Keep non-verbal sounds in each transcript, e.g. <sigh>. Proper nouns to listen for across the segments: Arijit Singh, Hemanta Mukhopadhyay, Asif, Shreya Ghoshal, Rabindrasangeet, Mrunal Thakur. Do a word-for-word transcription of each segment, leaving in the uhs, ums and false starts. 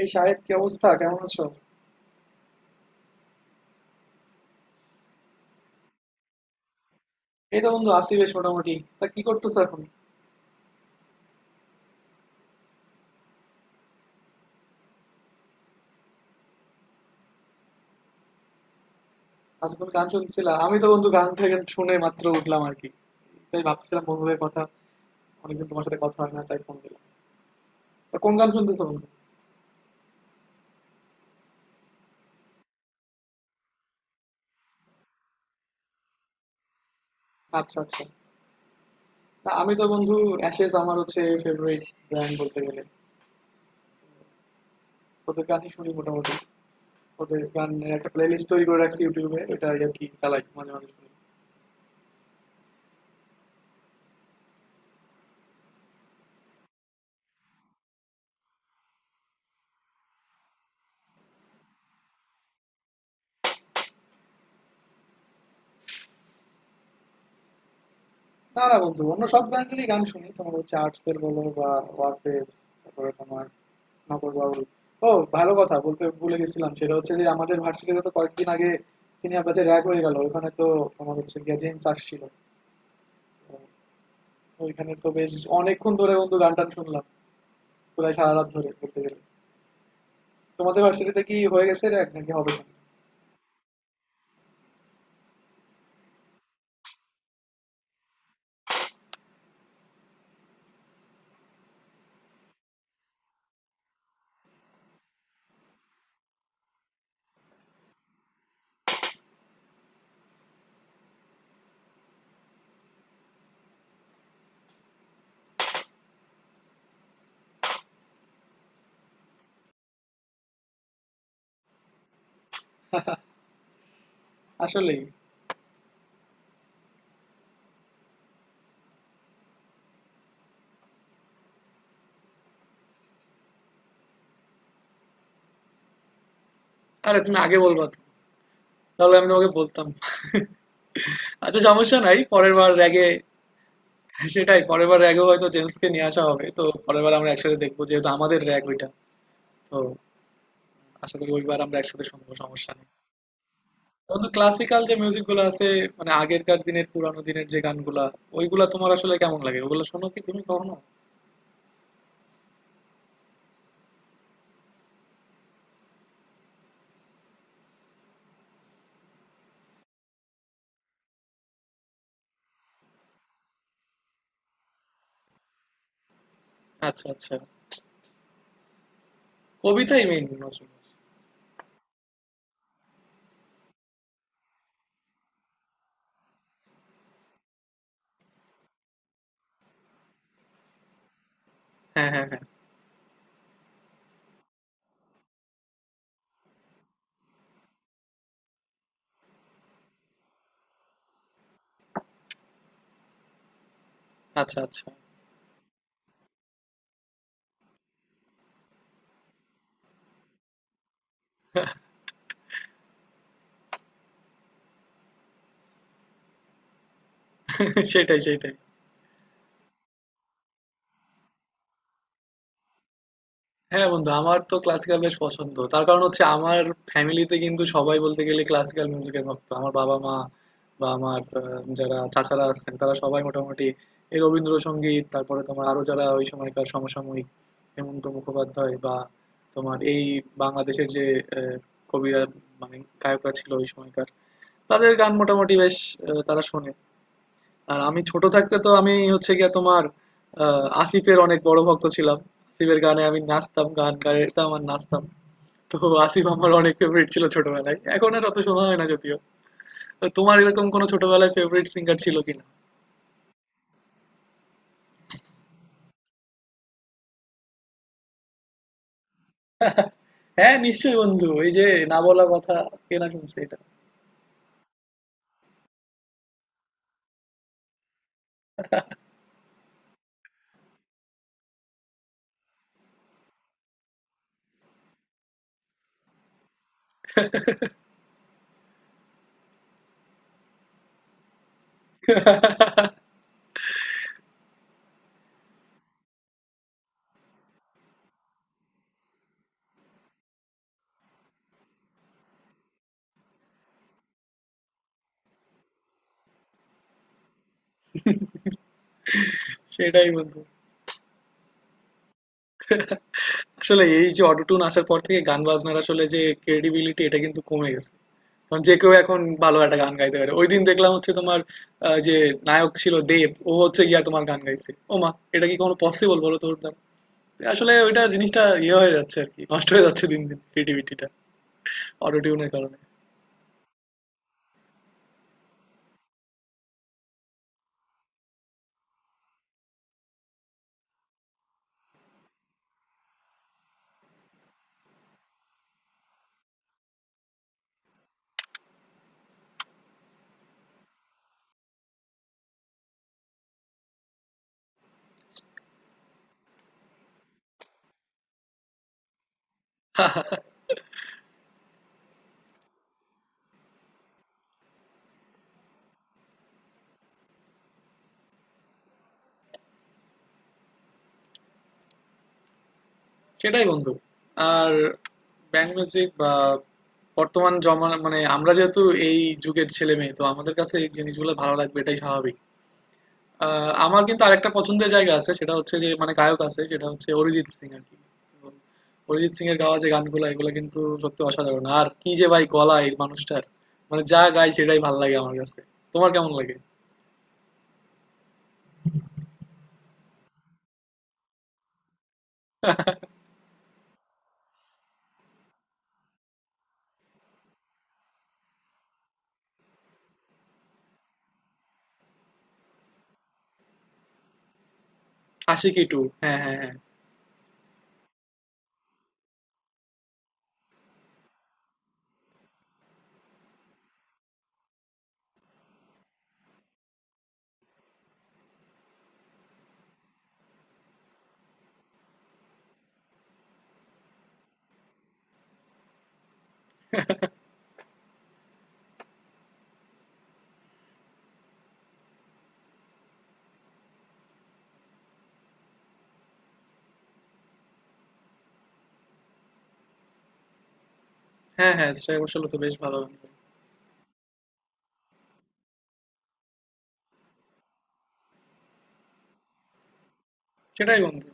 এই শাহেদ, কি অবস্থা? কেমন আছো? এই তো বন্ধু, আছি বেশ মোটামুটি। তা কি করতেছো এখন? আচ্ছা, তুমি গান শুনছিলা। আমি তো বন্ধু গান থেকে শুনে মাত্র উঠলাম আর কি। তাই ভাবছিলাম বন্ধুদের কথা। অনেকদিন তোমার সাথে কথা হয় না, তাই ফোন দিলাম। তা কোন গান শুনতেছো বন্ধু? আচ্ছা, আচ্ছা। তা আমি তো বন্ধু, অ্যাশেজ আমার হচ্ছে ফেভারিট ব্যান্ড বলতে গেলে। ওদের গানই শুনি মোটামুটি। ওদের গানের একটা প্লেলিস্ট তৈরি করে রাখছি ইউটিউবে, ওটা আর কি চালাই, মাঝে মাঝে শুনি। না না বন্ধু, অন্য সব ব্যান্ডেরই গান শুনি। তোমার হচ্ছে আর্টসের বলো বা ওয়ারফেস, তারপরে তোমার নগর বাউল। ও ভালো কথা, বলতে ভুলে গেছিলাম, সেটা হচ্ছে যে আমাদের ভার্সিটিতে তো কয়েকদিন আগে সিনিয়র ব্যাচে র্যাগ হয়ে গেল। ওখানে তো তোমার হচ্ছে গিয়ে জেমস আসছিল। তো ওইখানে তো বেশ অনেকক্ষণ ধরে বন্ধু গান টান শুনলাম, প্রায় সারা রাত ধরে বলতে গেলে। তোমাদের ভার্সিটিতে কি হয়ে গেছে র্যাগ, নাকি হবে না? আসলেই। আরে, তুমি আগে বলবা তো, তাহলে আমি তোমাকে বলতাম। আচ্ছা, সমস্যা নাই পরের বার র্যাগে। সেটাই, পরের বার র্যাগেও হয়তো জেমসকে নিয়ে আসা হবে। তো পরের বার আমরা একসাথে দেখবো, যেহেতু আমাদের র্যাগ ওইটা। তো আশা করি ওইবার আমরা একসাথে শুনবো, সমস্যা নেই। বন্ধু, ক্লাসিক্যাল যে মিউজিক গুলো আছে, মানে আগেরকার দিনের পুরানো দিনের যে গানগুলা, ওইগুলা তোমার আসলে কেমন লাগে? ওগুলো শোনো কি তুমি কখনো? আচ্ছা, আচ্ছা। কবিতাই মেইন নজরুল। হ্যাঁ, হ্যাঁ, হ্যাঁ। আচ্ছা, আচ্ছা। <laughs> সেটাই, সেটাই। হ্যাঁ বন্ধু, আমার তো ক্লাসিক্যাল বেশ পছন্দ। তার কারণ হচ্ছে আমার ফ্যামিলিতে কিন্তু সবাই বলতে গেলে ক্লাসিক্যাল মিউজিকের ভক্ত। আমার বাবা মা বা আমার আহ, যারা চাচারা আছেন তারা সবাই মোটামুটি এই রবীন্দ্রসঙ্গীত, তারপরে তোমার আরো যারা ওই সময়কার সমসাময়িক হেমন্ত মুখোপাধ্যায় বা তোমার এই বাংলাদেশের যে আহ, কবিরা, মানে গায়করা ছিল ওই সময়কার, তাদের গান মোটামুটি বেশ আহ, তারা শোনে। আর আমি ছোট থাকতে তো আমি হচ্ছে গিয়ে তোমার আহ, আসিফের অনেক বড় ভক্ত ছিলাম। আসিফের গানে আমি নাচতাম, গান গাইতাম আর নাচতাম। তো আসিফ আমার অনেক ফেভারিট ছিল ছোটবেলায়, এখন আর অত শোনা হয় না যদিও। তো তোমার এরকম কোনো ছোটবেলায় ফেভারিট সিঙ্গার ছিল কিনা? <laughs> হ্যাঁ, নিশ্চয়ই বন্ধু, এই যে না বলা কথা, কে না শুনছে এটা? সেটাই বন্ধু। <laughs> আসলে এই যে অটোটুন আসার পর থেকে গান বাজনার আসলে যে ক্রেডিবিলিটি এটা কিন্তু কমে গেছে। কারণ যে কেউ এখন ভালো একটা গান গাইতে পারে। ওই দিন দেখলাম হচ্ছে তোমার আহ, যে নায়ক ছিল দেব, ও হচ্ছে গিয়া তোমার গান গাইছে। ও মা, এটা কি কোনো পসিবল বলো তোর দ্বারা? আসলে ওইটা জিনিসটা ইয়ে হয়ে যাচ্ছে আর কি, নষ্ট হয়ে যাচ্ছে দিন দিন ক্রিয়েটিভিটিটা অটোটিউনের কারণে। সেটাই বন্ধু। আর ব্যান্ড মিউজিক বা বর্তমান জমা, মানে আমরা যেহেতু এই যুগের ছেলে মেয়ে, তো আমাদের কাছে এই জিনিসগুলো ভালো লাগবে এটাই স্বাভাবিক। আহ, আমার কিন্তু আরেকটা পছন্দের জায়গা আছে, সেটা হচ্ছে যে মানে গায়ক আছে, সেটা হচ্ছে অরিজিৎ সিং আর কি। তো অরিজিৎ সিং এর গাওয়া যে গানগুলো, এগুলো কিন্তু সত্যি অসাধারণ আর কি। যে ভাই গলা এই মানুষটার, মানে যা গায় সেটাই ভালো লাগে আমার কাছে। তোমার কেমন লাগে? আশিকি টু। হ্যাঁ, হ্যাঁ, হ্যাঁ। হ্যাঁ, হ্যাঁ, শ্রেয়া ঘোষালও তো বেশ ভালো গান গায়। সেটাই বন্ধু।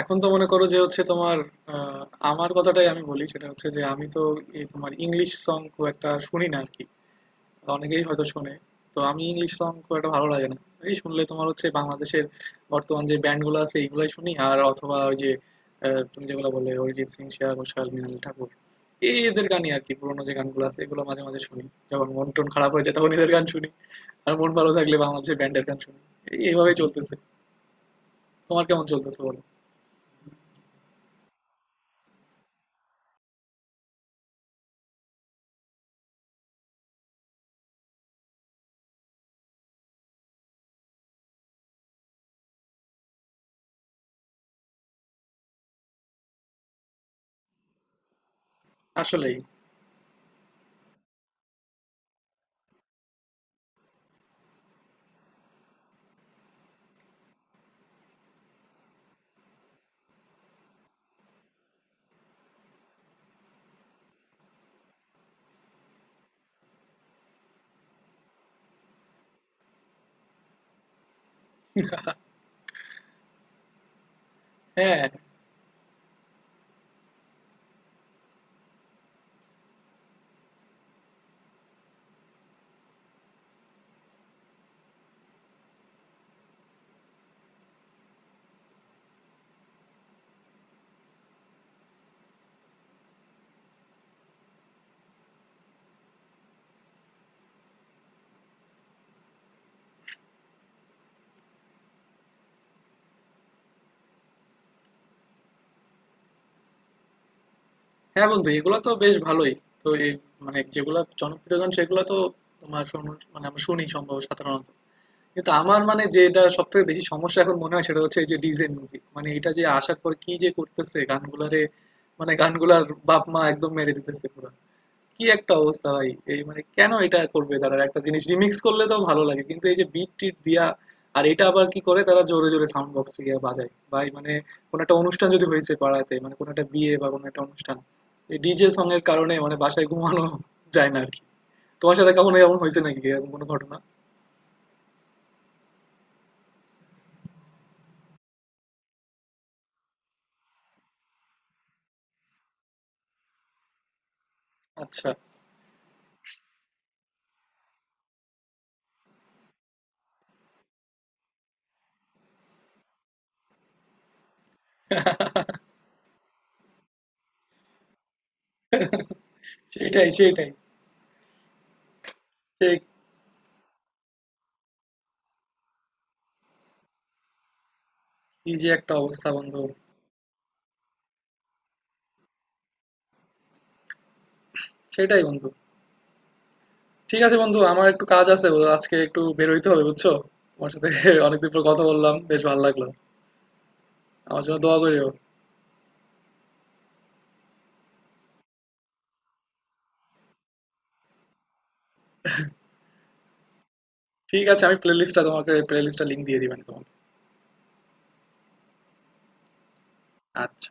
এখন তো মনে করো যে হচ্ছে তোমার আহ, আমার কথাটাই আমি বলি, সেটা হচ্ছে যে আমি তো এই তোমার ইংলিশ সং খুব একটা শুনি না আর কি। অনেকেই হয়তো শোনে, তো আমি ইংলিশ সং খুব একটা ভালো লাগে না। এই শুনলে তোমার হচ্ছে বাংলাদেশের বর্তমান যে ব্যান্ড গুলো আছে এইগুলাই শুনি। আর অথবা ওই যে আহ, তুমি যেগুলো বলে অরিজিৎ সিং, শ্রেয়া ঘোষাল, মৃণাল ঠাকুর, এই এদের গানই আর কি। পুরোনো যে গানগুলো আছে এগুলো মাঝে মাঝে শুনি। যখন মন টন খারাপ হয়ে যায় তখন এদের গান শুনি, আর মন ভালো থাকলে বাংলাদেশের ব্যান্ডের গান শুনি। এই- এইভাবেই চলতেছে। তোমার কেমন চলতেছে বলো? আসলেই। হ্যাঁ হ্যাঁ বন্ধু, এগুলো তো বেশ ভালোই। তো এই মানে যেগুলো জনপ্রিয় গান সেগুলো তো তোমার শোনো- মানে আমরা শুনি সম্ভবত সাধারণত। কিন্তু আমার মানে যে এটা সব থেকে বেশি সমস্যা এখন মনে হয় সেটা হচ্ছে এই যে ডিজে মিউজিক, মানে এটা যে আসার পর কি যে করতেছে গানগুলারে, মানে গানগুলার বাপ মা একদম মেরে দিতেছে পুরো। কি একটা অবস্থা ভাই, এই মানে কেন এটা করবে তারা? একটা জিনিস রিমিক্স করলে তো ভালো লাগে, কিন্তু এই যে বিট টিট দিয়া আর এটা আবার কি করে তারা জোরে জোরে সাউন্ড বক্স দিয়ে বাজায় ভাই। মানে কোনো একটা অনুষ্ঠান যদি হয়েছে পাড়াতে, মানে কোনো একটা বিয়ে বা কোনো একটা অনুষ্ঠান, এই ডিজে সং এর কারণে মানে বাসায় ঘুমানো যায় না আর কি। তোমার সাথে কখনো এমন হয়েছে নাকি এরকম কোনো ঘটনা? আচ্ছা। সেটাই, সেটাই। সে কি যে একটা অবস্থা বন্ধু। সেটাই বন্ধু। ঠিক আছে বন্ধু, আমার একটু কাজ আছে, ও আজকে একটু বের হইতে হবে, বুঝছো? তোমার সাথে <laughs> অনেকদিন পর কথা বললাম, বেশ ভালো লাগলো। আমার জন্য দোয়া করিও। ঠিক আছে, আমি প্লে লিস্টটা তোমাকে প্লে লিস্টটা লিঙ্ক দিয়ে দিবেন তোমাকে। আচ্ছা।